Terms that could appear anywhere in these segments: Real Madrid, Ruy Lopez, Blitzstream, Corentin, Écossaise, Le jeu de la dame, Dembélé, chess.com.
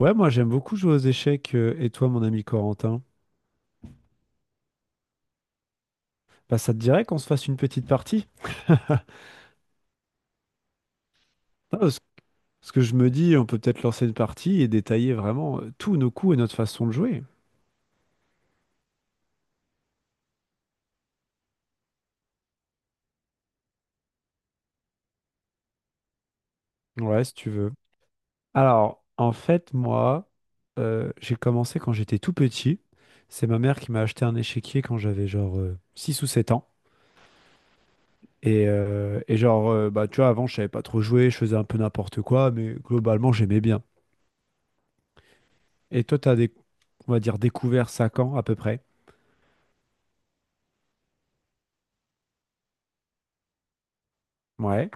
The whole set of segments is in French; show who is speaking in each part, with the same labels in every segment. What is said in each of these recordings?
Speaker 1: Ouais, moi j'aime beaucoup jouer aux échecs, et toi mon ami Corentin? Bah ça te dirait qu'on se fasse une petite partie? Ah, parce que je me dis, on peut peut-être lancer une partie et détailler vraiment tous nos coups et notre façon de jouer. Ouais, si tu veux. Alors, en fait, moi, j'ai commencé quand j'étais tout petit. C'est ma mère qui m'a acheté un échiquier quand j'avais genre 6 ou 7 ans. Et genre, bah, tu vois, avant, je savais pas trop jouer, je faisais un peu n'importe quoi, mais globalement, j'aimais bien. Et toi, t'as, des, on va dire, découvert ça quand, à peu près? Ouais.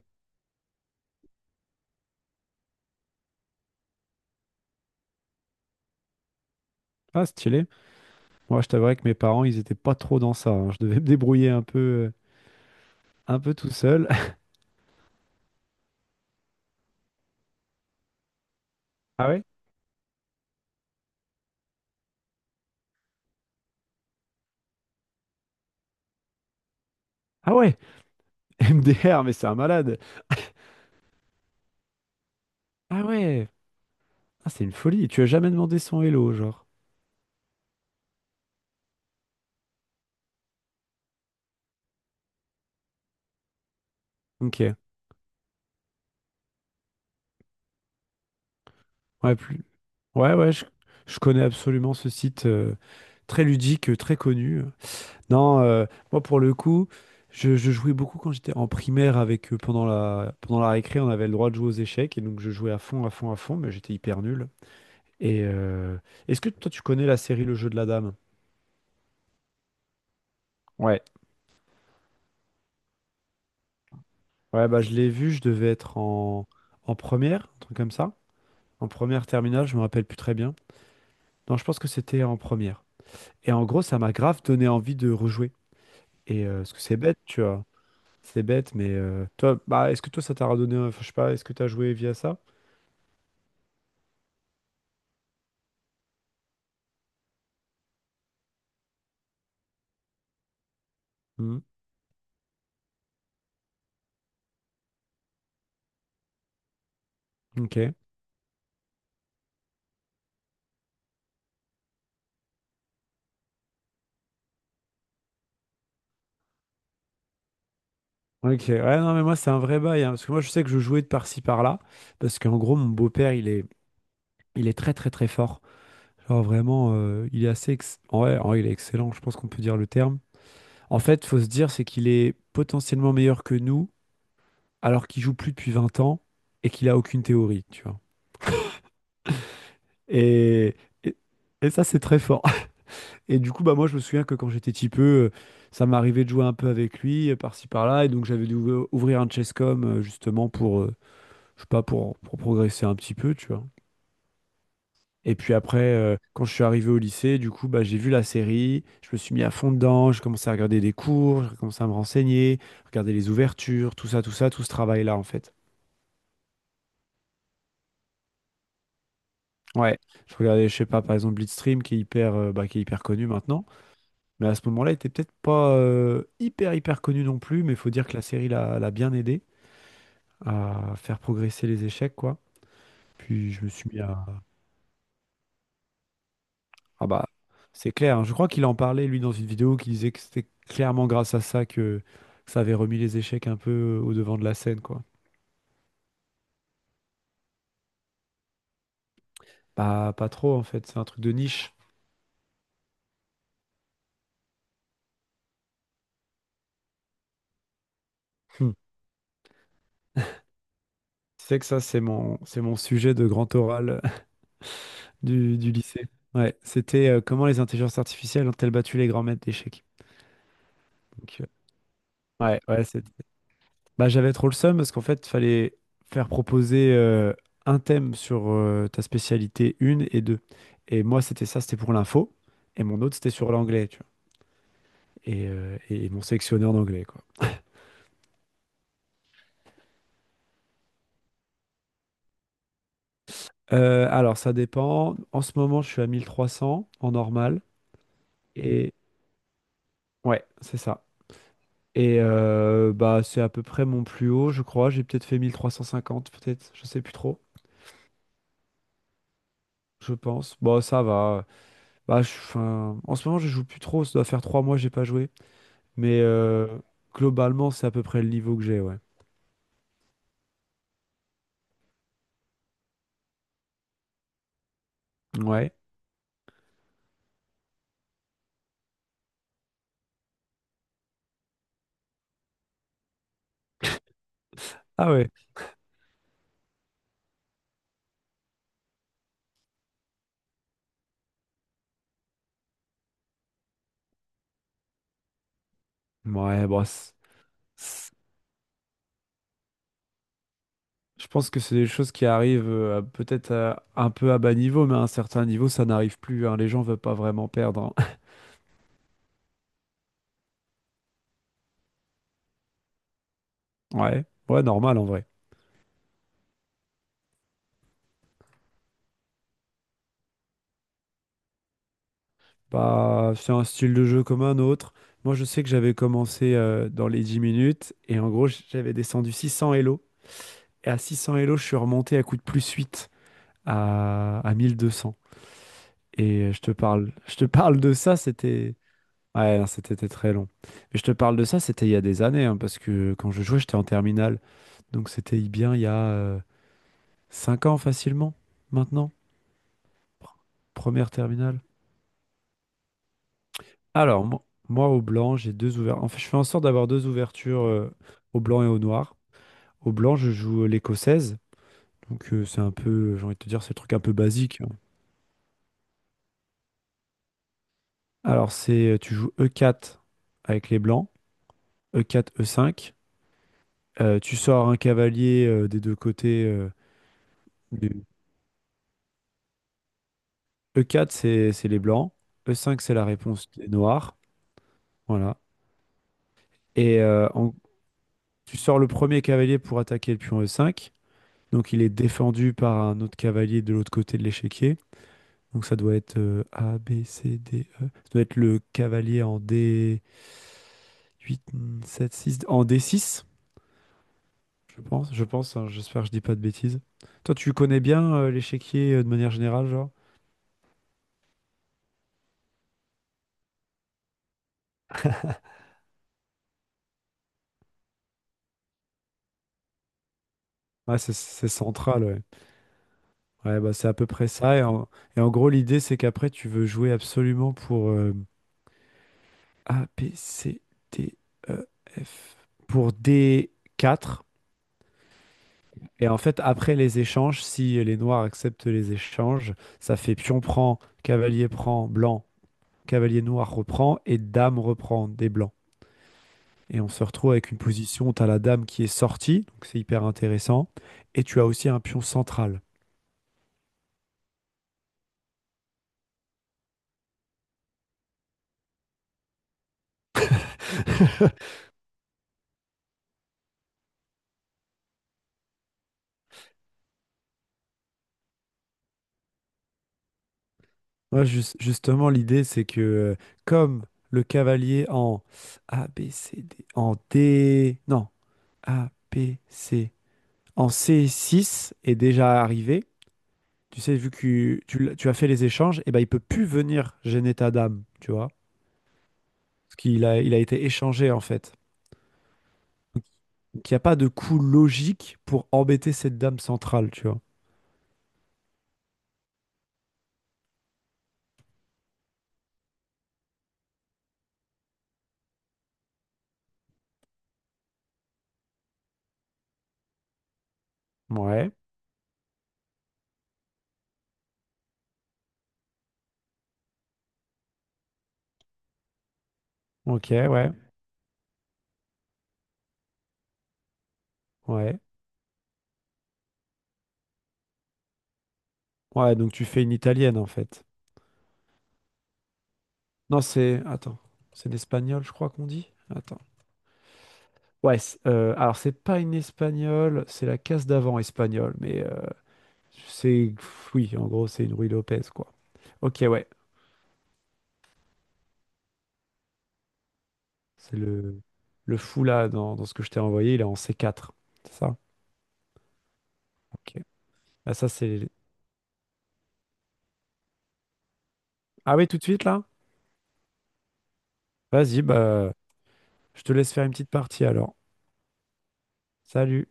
Speaker 1: Ah, stylé. Moi, je t'avouerais que mes parents, ils étaient pas trop dans ça, hein. Je devais me débrouiller un peu tout seul. Ah ouais? Ah ouais, MDR, mais c'est un malade. Ah ouais, ah, c'est une folie. Tu as jamais demandé son hello, genre. Ok. Ouais, ouais, ouais, je connais absolument ce site très ludique, très connu. Non, moi pour le coup, je jouais beaucoup quand j'étais en primaire avec eux pendant pendant la récré, on avait le droit de jouer aux échecs et donc je jouais à fond, à fond, à fond, mais j'étais hyper nul. Et est-ce que toi tu connais la série Le jeu de la dame? Ouais, ouais, bah je l'ai vu, je devais être en première, un truc comme ça. En première terminale, je me rappelle plus très bien. Non, je pense que c'était en première. Et en gros, ça m'a grave donné envie de rejouer. Et parce que c'est bête, tu vois. C'est bête, mais toi, bah est-ce que toi ça t'a redonné, enfin, je sais pas, est-ce que t'as joué via ça? Hmm. Ok. Ok. Ouais, non, mais moi c'est un vrai bail, hein, parce que moi je sais que je jouais de par-ci par-là, parce qu'en gros mon beau-père il est très très très fort. Genre vraiment, il est assez, ouais, ouais, il est excellent, je pense qu'on peut dire le terme. En fait, faut se dire, c'est qu'il est potentiellement meilleur que nous, alors qu'il joue plus depuis 20 ans et qu'il a aucune théorie, tu vois. Et, et, et ça, c'est très fort. Et du coup, bah moi, je me souviens que quand j'étais petit peu, ça m'arrivait de jouer un peu avec lui, par-ci, par-là. Et donc, j'avais dû ouvrir un chesscom, justement, je sais pas, pour progresser un petit peu, tu vois. Et puis après, quand je suis arrivé au lycée, du coup, bah, j'ai vu la série, je me suis mis à fond dedans, j'ai commencé à regarder des cours, j'ai commencé à me renseigner, regarder les ouvertures, tout ça, tout ça, tout ce travail-là, en fait. Ouais, je regardais, je sais pas, par exemple Blitzstream qui est hyper, bah, qui est hyper connu maintenant, mais à ce moment-là, il était peut-être pas hyper hyper connu non plus, mais il faut dire que la série l'a bien aidé à faire progresser les échecs, quoi. Puis je me suis mis à... Ah bah, c'est clair, hein. Je crois qu'il en parlait, lui, dans une vidéo, qui disait que c'était clairement grâce à ça que ça avait remis les échecs un peu au devant de la scène, quoi. Bah, pas trop, en fait, c'est un truc de niche. Hmm. Tu sais que ça, c'est mon sujet de grand oral du lycée. Ouais, c'était comment les intelligences artificielles ont-elles battu les grands maîtres d'échecs. Donc, ouais, ouais, bah, j'avais trop le seum parce qu'en fait, fallait faire proposer un thème sur ta spécialité une et deux. Et moi, c'était ça, c'était pour l'info. Et mon autre, c'était sur l'anglais, tu vois. Et ils m'ont sélectionné en anglais, quoi. Alors, ça dépend. En ce moment, je suis à 1 300 en normal. Et ouais, c'est ça. Et bah, c'est à peu près mon plus haut, je crois. J'ai peut-être fait 1 350 peut-être. Je sais plus trop, je pense. Bon, ça va. Bah, 'fin, en ce moment, je joue plus trop. Ça doit faire 3 mois que j'ai pas joué. Mais globalement, c'est à peu près le niveau que j'ai, ouais. Ouais. Ah ouais. Ouais, bon, c'est- je pense que c'est des choses qui arrivent peut-être un peu à bas niveau, mais à un certain niveau, ça n'arrive plus, hein. Les gens veulent pas vraiment perdre, hein. Ouais. Ouais, normal en vrai. Bah, c'est un style de jeu comme un autre. Moi, je sais que j'avais commencé dans les 10 minutes et en gros, j'avais descendu 600 Elo. Et à 600 Elo, je suis remonté à coup de plus 8 à 1200. Et je te parle de ça, c'était. Ouais, non, c'était très long. Mais je te parle de ça, c'était il y a des années, hein, parce que quand je jouais, j'étais en terminale. Donc c'était bien il y a 5 ans facilement, maintenant. Pr- Première terminale. Alors, moi, au blanc, j'ai deux ouvertures. En fait, je fais en sorte d'avoir deux ouvertures au blanc et au noir. Au blanc, je joue l'écossaise. Donc, c'est un peu, j'ai envie de te dire, c'est le truc un peu basique, hein. Alors, tu joues E4 avec les blancs, E4, E5. Tu sors un cavalier des deux côtés. Du- E4, c'est les blancs. E5, c'est la réponse des noirs. Voilà. Et tu sors le premier cavalier pour attaquer le pion E5. Donc, il est défendu par un autre cavalier de l'autre côté de l'échiquier. Donc ça doit être A, B, C, D, E. Ça doit être le cavalier en D8, 7, 6, en D6, je pense, hein, j'espère que je dis pas de bêtises. Toi, tu connais bien l'échiquier de manière générale, genre? Ouais, c'est central, ouais. Ouais, bah c'est à peu près ça. Et et en gros, l'idée, c'est qu'après, tu veux jouer absolument pour A, B, C, D, E, F. Pour D4. Et en fait, après les échanges, si les noirs acceptent les échanges, ça fait pion prend, cavalier prend, blanc, cavalier noir reprend et dame reprend des blancs. Et on se retrouve avec une position où tu as la dame qui est sortie, donc c'est hyper intéressant, et tu as aussi un pion central. Moi, justement, l'idée, c'est que comme le cavalier en A, B, C, D, en D, non, A, B, C, en C6 est déjà arrivé, tu sais, vu que tu as fait les échanges, et ben, il peut plus venir gêner ta dame, tu vois, parce il a été échangé en fait. Donc il n'y a pas de coût logique pour embêter cette dame centrale, tu vois. Ouais, ok, ouais, ouais. Ouais, donc tu fais une italienne en fait. Non, c'est... Attends, c'est l'espagnol, je crois qu'on dit. Attends. Ouais, alors c'est pas une espagnole, c'est la case d'avant espagnole, mais c'est... Oui, en gros, c'est une Ruy Lopez, quoi. Ok, ouais. C'est le fou là dans ce que je t'ai envoyé, il est en C4. C'est ça? Ok. Ah, ça, c'est... Ah oui, tout de suite là? Vas-y, bah, je te laisse faire une petite partie alors. Salut.